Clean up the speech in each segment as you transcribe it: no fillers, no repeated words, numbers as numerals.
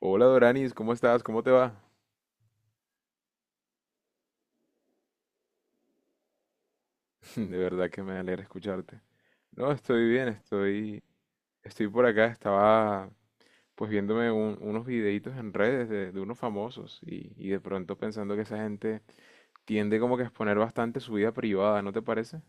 Hola Doranis, ¿cómo estás? ¿Cómo te va? De verdad que me alegra escucharte. No, estoy bien, estoy por acá, estaba pues viéndome unos videitos en redes de unos famosos y de pronto pensando que esa gente tiende como que a exponer bastante su vida privada, ¿no te parece?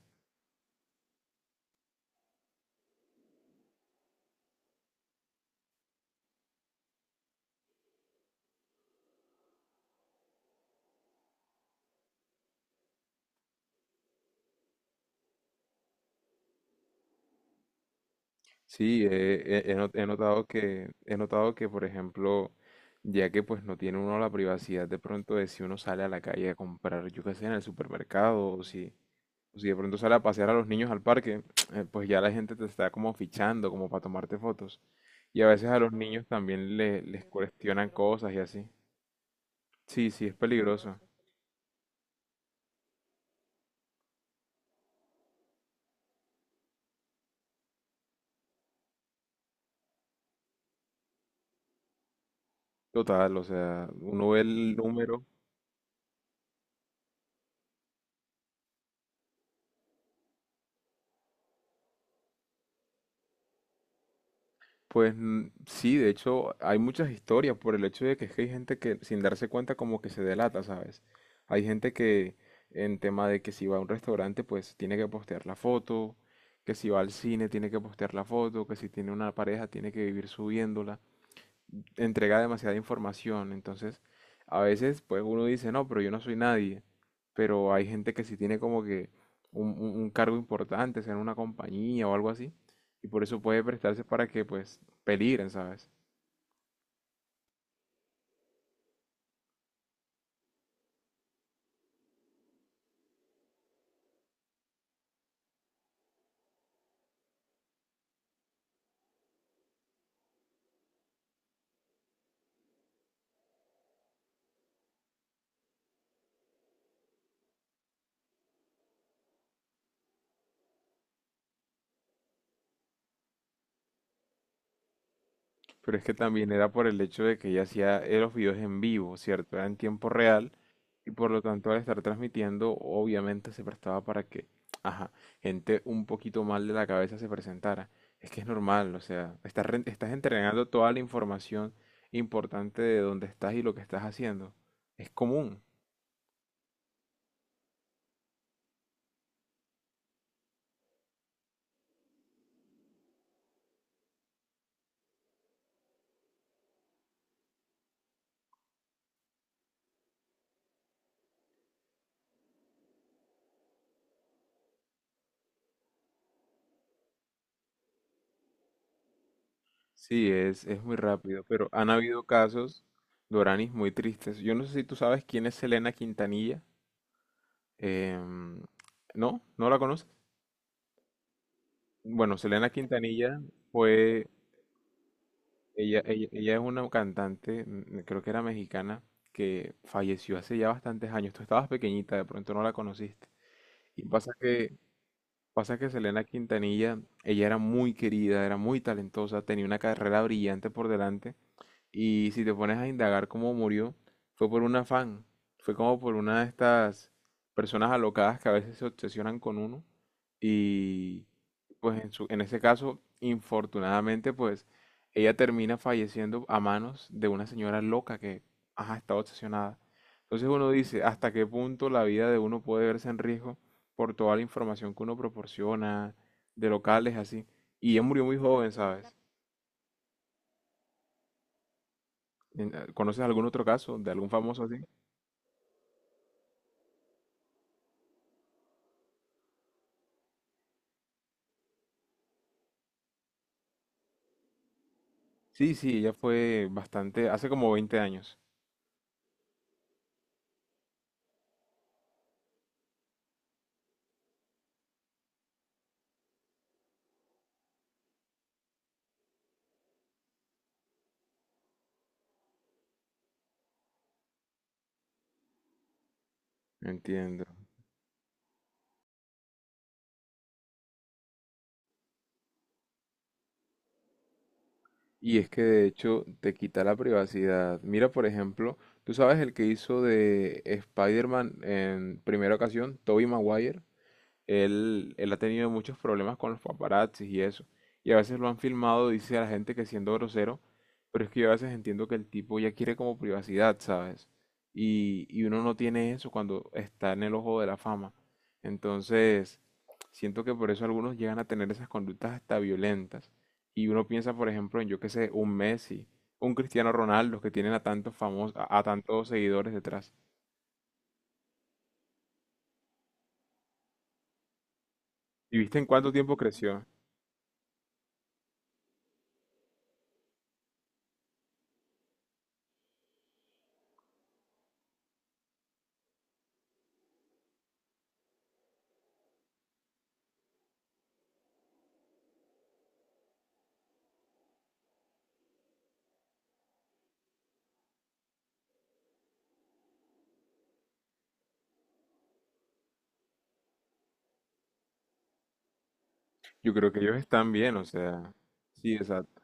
Sí, he, he not- he notado he notado que, por ejemplo, ya que pues no tiene uno la privacidad de pronto de si uno sale a la calle a comprar, yo qué sé, en el supermercado o si si de pronto sale a pasear a los niños al parque, pues ya la gente te está como fichando, como para tomarte fotos. Y a veces a los niños también les cuestionan cosas y así. Sí, sí, es peligroso. Total, o sea, uno ve el número. Pues mm, sí, de hecho hay muchas historias por el hecho de que es que hay gente que sin darse cuenta como que se delata, ¿sabes? Hay gente que en tema de que si va a un restaurante pues tiene que postear la foto, que si va al cine tiene que postear la foto, que si tiene una pareja tiene que vivir subiéndola. Entrega demasiada información. Entonces, a veces, pues uno dice, no, pero yo no soy nadie. Pero hay gente que sí tiene como que un cargo importante, sea en una compañía o algo así. Y por eso puede prestarse para que, pues, peligren, ¿sabes? Pero es que también era por el hecho de que ella hacía los videos en vivo, ¿cierto? Era en tiempo real y por lo tanto al estar transmitiendo obviamente se prestaba para que, ajá, gente un poquito mal de la cabeza se presentara. Es que es normal, o sea, estás entregando toda la información importante de dónde estás y lo que estás haciendo. Es común. Sí, es muy rápido, pero han habido casos, Doranis, muy tristes. Yo no sé si tú sabes quién es Selena Quintanilla. Em, ¿No? ¿No la conoces? Bueno, Selena Quintanilla fue, ella es una cantante, mm, creo que era mexicana, que falleció hace ya bastantes años. Tú estabas pequeñita, de pronto no la conociste. Y pasa que Selena Quintanilla, ella era muy querida, era muy talentosa, tenía una carrera brillante por delante, y si te pones a indagar cómo murió, fue por un afán, fue como por una de estas personas alocadas que a veces se obsesionan con uno y pues en ese caso, infortunadamente, pues ella termina falleciendo a manos de una señora loca que, ajá, está obsesionada. Entonces uno dice, ¿hasta qué punto la vida de uno puede verse en riesgo por toda la información que uno proporciona de locales así? Y ella murió muy joven, ¿sabes? ¿Conoces algún otro caso de algún famoso así? Sí, sí, ella fue bastante, hace como 20 años. Entiendo. Y es que de hecho te quita la privacidad. Mira, por ejemplo, tú sabes el que hizo de Spider-Man en primera ocasión, Tobey Maguire. Él ha tenido muchos problemas con los paparazzis y eso. Y a veces lo han filmado, dice a la gente que siendo grosero, pero es que yo a veces entiendo que el tipo ya quiere como privacidad, ¿sabes? Y uno no tiene eso cuando está en el ojo de la fama. Entonces, siento que por eso algunos llegan a tener esas conductas hasta violentas. Y uno piensa, por ejemplo, en yo qué sé, un Messi, un Cristiano Ronaldo, que tienen a tantos famosos, a tantos seguidores detrás. ¿Y viste en cuánto tiempo creció? Yo creo que ellos están bien, o sea, sí, exacto,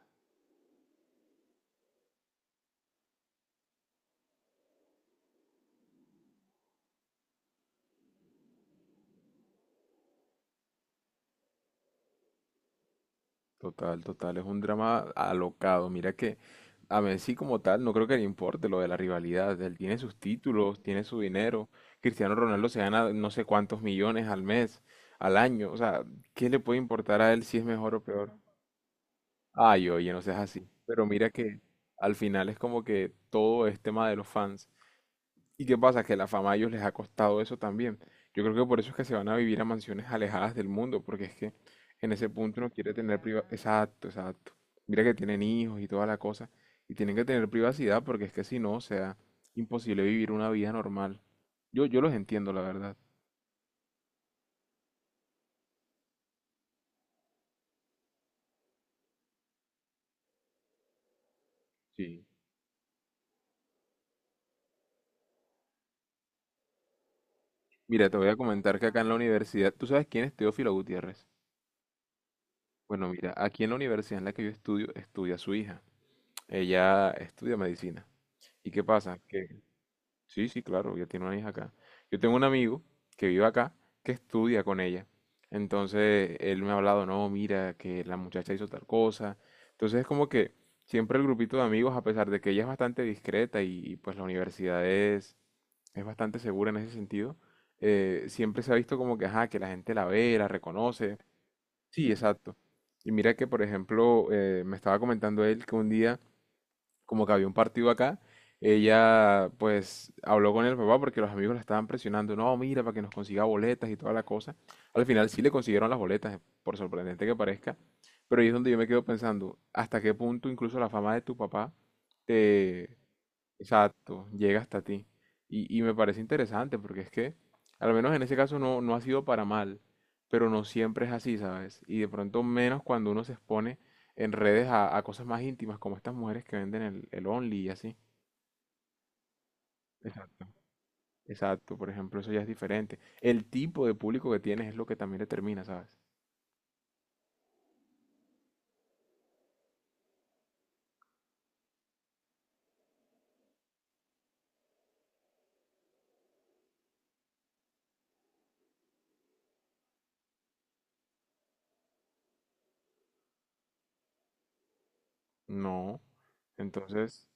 total, total, es un drama alocado. Mira que a Messi como tal no creo que le importe lo de la rivalidad, él tiene sus títulos, tiene su dinero, Cristiano Ronaldo se gana no sé cuántos millones al mes, al año, o sea, ¿qué le puede importar a él si es mejor o peor? Ay, oye, no seas así, pero mira que al final es como que todo es tema de los fans. ¿Y qué pasa? Que la fama a ellos les ha costado eso también. Yo creo que por eso es que se van a vivir a mansiones alejadas del mundo, porque es que en ese punto no quiere tener privacidad. Exacto, exacto. Mira que tienen hijos y toda la cosa, y tienen que tener privacidad porque es que si no, o sea, imposible vivir una vida normal. Yo los entiendo, la verdad. Sí. Mira, te voy a comentar que acá en la universidad, ¿tú sabes quién es Teófilo Gutiérrez? Bueno, mira, aquí en la universidad en la que yo estudio, estudia su hija. Ella estudia medicina. ¿Y qué pasa? Que sí, sí, claro, ya tiene una hija acá. Yo tengo un amigo que vive acá, que estudia con ella. Entonces, él me ha hablado, no, mira, que la muchacha hizo tal cosa. Entonces, es como que siempre el grupito de amigos, a pesar de que ella es bastante discreta pues la universidad es bastante segura en ese sentido, siempre se ha visto como que, ajá, que la gente la ve, la reconoce. Sí, exacto. Y mira que, por ejemplo, me estaba comentando él que un día como que había un partido acá, ella pues habló con el papá porque los amigos la estaban presionando, no, mira, para que nos consiga boletas y toda la cosa. Al final sí le consiguieron las boletas, por sorprendente que parezca, pero ahí es donde yo me quedo pensando, hasta qué punto incluso la fama de tu papá te, exacto, llega hasta ti. Me parece interesante porque es que, al menos en ese caso, no, no ha sido para mal, pero no siempre es así, ¿sabes? Y de pronto menos cuando uno se expone en redes a cosas más íntimas, como estas mujeres que venden el Only y así. Exacto. Exacto, por ejemplo, eso ya es diferente. El tipo de público que tienes es lo que también determina, ¿sabes? No. Entonces,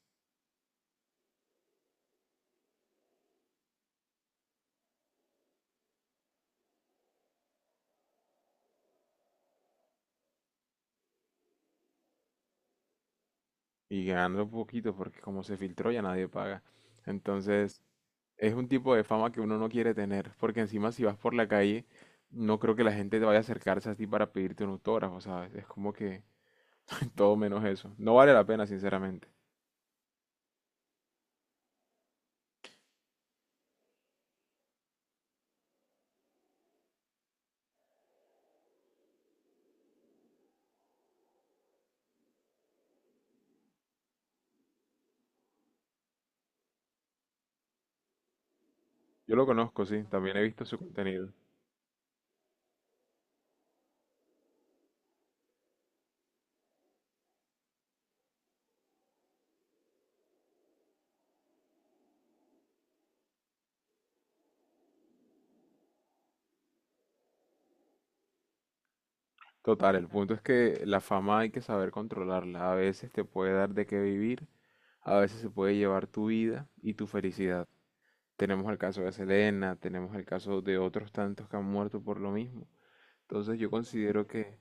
y ganando poquito, porque como se filtró ya nadie paga. Entonces, es un tipo de fama que uno no quiere tener, porque encima si vas por la calle, no creo que la gente te vaya a acercarse a ti para pedirte un autógrafo, ¿sabes? Es como que todo menos eso. No vale la pena, sinceramente. Yo lo conozco, sí, también he visto su contenido. Total, el punto es que la fama hay que saber controlarla. A veces te puede dar de qué vivir, a veces se puede llevar tu vida y tu felicidad. Tenemos el caso de Selena, tenemos el caso de otros tantos que han muerto por lo mismo. Entonces yo considero que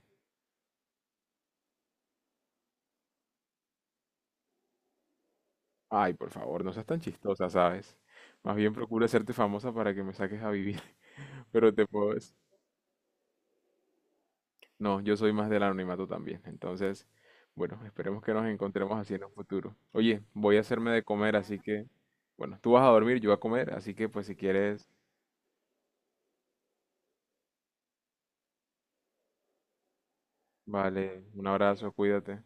ay, por favor, no seas tan chistosa, ¿sabes? Más bien procura hacerte famosa para que me saques a vivir, pero te puedo decir- No, yo soy más del anonimato también. Entonces, bueno, esperemos que nos encontremos así en un futuro. Oye, voy a hacerme de comer, así que, bueno, tú vas a dormir, yo voy a comer, así que pues si quieres, vale, un abrazo, cuídate.